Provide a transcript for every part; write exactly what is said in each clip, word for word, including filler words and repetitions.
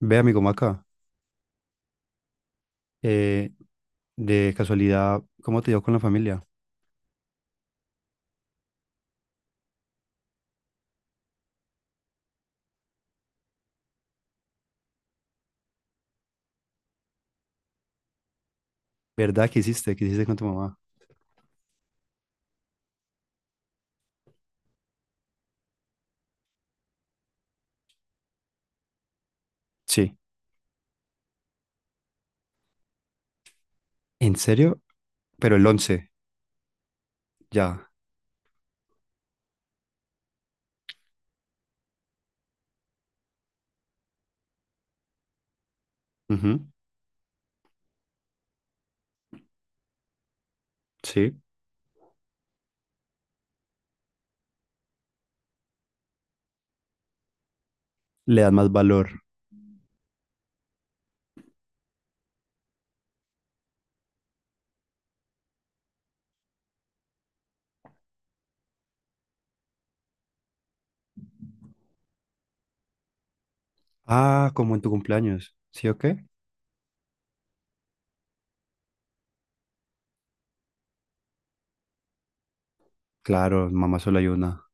Ve, amigo Maca, eh, de casualidad, ¿cómo te dio con la familia? ¿Verdad que hiciste? ¿Qué hiciste con tu mamá? Sí. ¿En serio? Pero el once ya. Ujú. Sí. Le das más valor. Ah, como en tu cumpleaños. ¿Sí o qué? Claro, mamá solo hay una.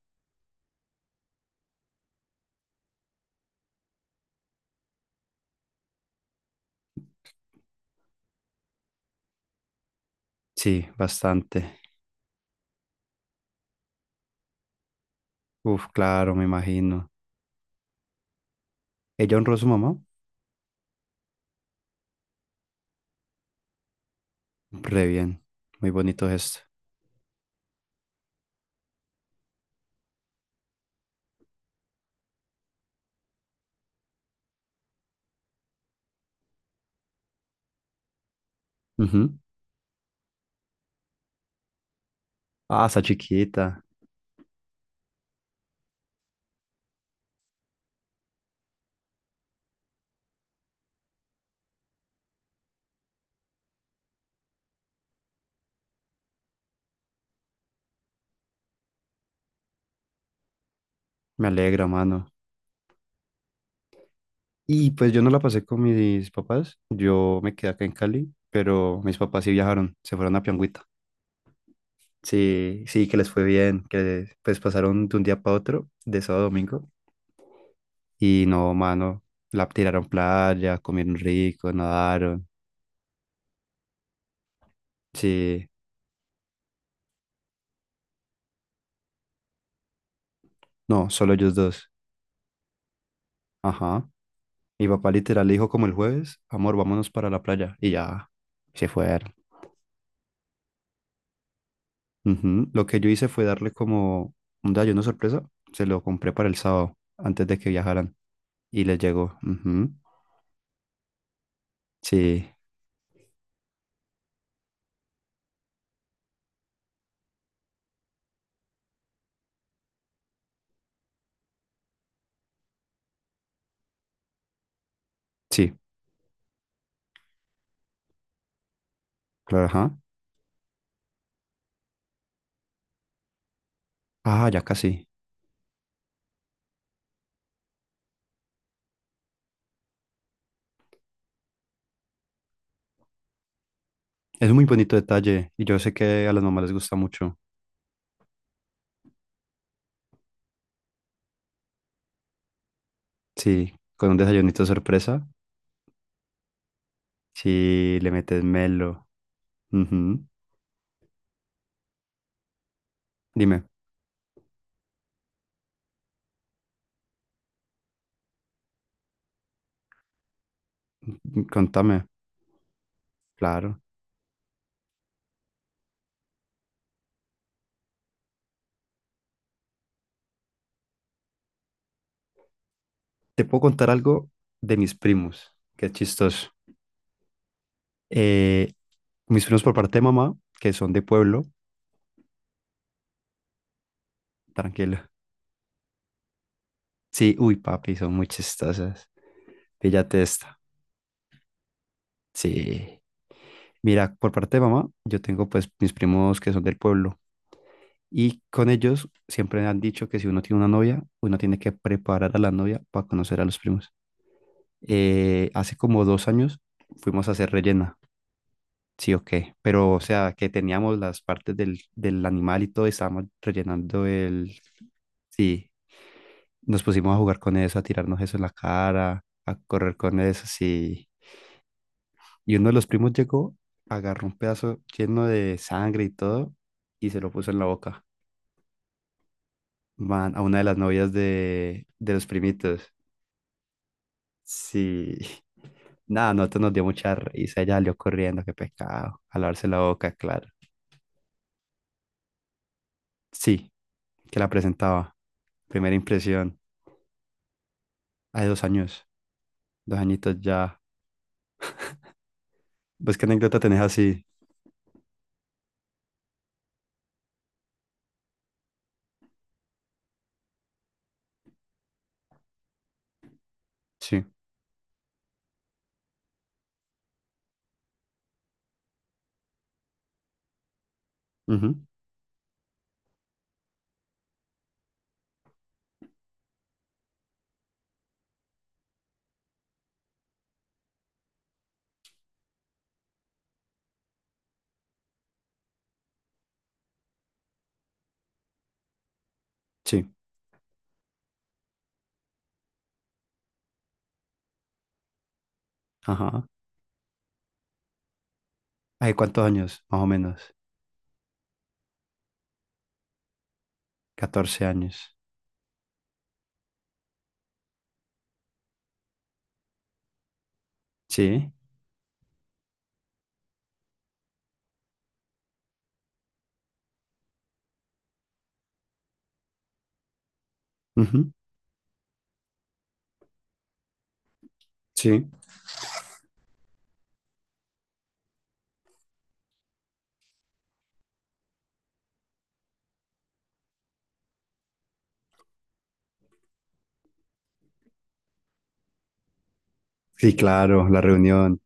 Sí, bastante. Uf, claro, me imagino. ¿Ella honró a su mamá? Re bien. Muy bonito gesto. Ujú. Ah, está chiquita. Me alegra, mano. Y pues yo no la pasé con mis papás, yo me quedé acá en Cali, pero mis papás sí viajaron, se fueron a Piangüita. Sí, sí, que les fue bien, que pues pasaron de un día para otro, de sábado a domingo, y no, mano, la tiraron playa, comieron rico, nadaron, sí, no, solo ellos dos, ajá. Mi papá literal le dijo como el jueves, amor, vámonos para la playa, y ya, se fueron. Ujú. Lo que yo hice fue darle como un desayuno sorpresa, se lo compré para el sábado, antes de que viajaran. Y le llegó. Ujú. Sí, sí, claro, ajá. Ah, ya casi. Es un muy bonito detalle y yo sé que a las mamás les gusta mucho. Sí, con un desayunito sorpresa. Sí, le metes melo. Ujú. Dime, m- contame. Claro. Te puedo contar algo de mis primos, que es chistoso. Eh, mis primos por parte de mamá, que son de pueblo, tranquilo. Sí, uy, papi, son muy chistosas. Píllate esta. Sí. Mira, por parte de mamá, yo tengo pues mis primos que son del pueblo y con ellos siempre han dicho que si uno tiene una novia, uno tiene que preparar a la novia para conocer a los primos. Eh, hace como dos años fuimos a hacer rellena, sí o qué, pero o sea que teníamos las partes del, del animal y todo y estábamos rellenando el... Sí, nos pusimos a jugar con eso, a tirarnos eso en la cara, a correr con eso, sí. Y uno de los primos llegó, agarró un pedazo lleno de sangre y todo y se lo puso en la boca. Man, a una de las novias de, de los primitos. Sí. Nada, nosotros nos dio mucha risa. Ella salió corriendo, qué pecado. A lavarse la boca, claro. Sí, que la presentaba. Primera impresión. Hace dos años. Dos añitos ya. ¿Ves qué anécdota tenés así? Sí. Ujú. Sí. Ajá. ¿Hace cuántos años? Más o menos. Catorce años. Sí. Ujú. Sí. Sí, claro, la reunión.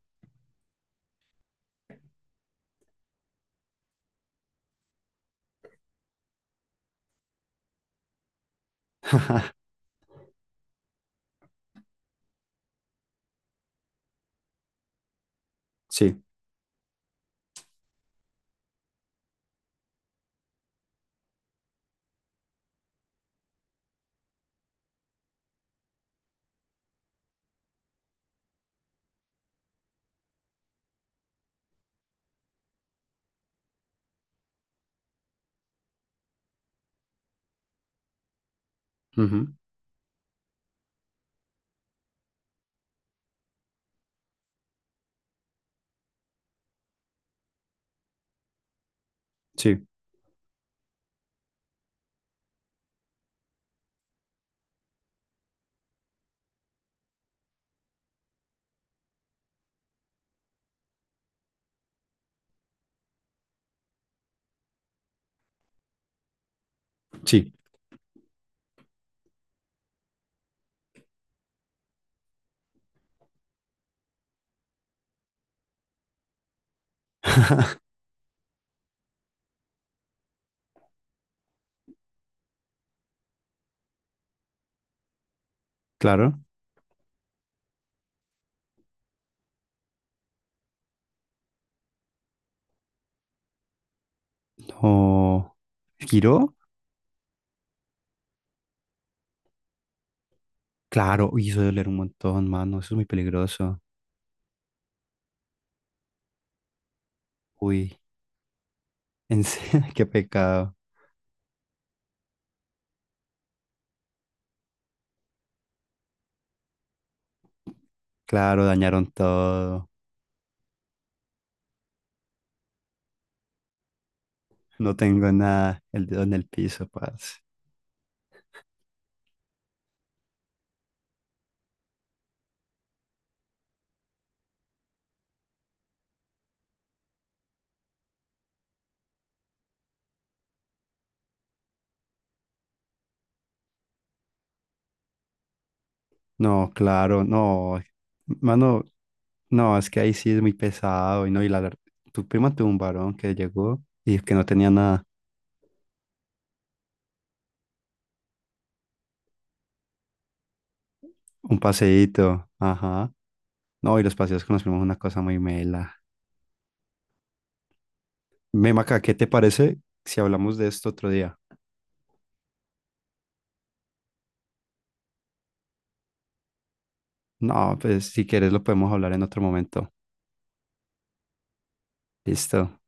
Sí, ujú, sí, sí, claro. O giró. Claro, uy, eso debe doler un montón, mano. Eso es muy peligroso. Uy, en serio, qué pecado. Claro, dañaron todo. No tengo nada. El dedo en el piso, paz. No, claro, no. Mano, no, es que ahí sí es muy pesado. Y no, y la ver- tu prima tuvo un varón que llegó y que no tenía nada. Un paseíto. Ajá. No, y los paseos con los primos es una cosa muy mela. Memaca, ¿qué te parece si hablamos de esto otro día? No, pues si quieres lo podemos hablar en otro momento. Listo.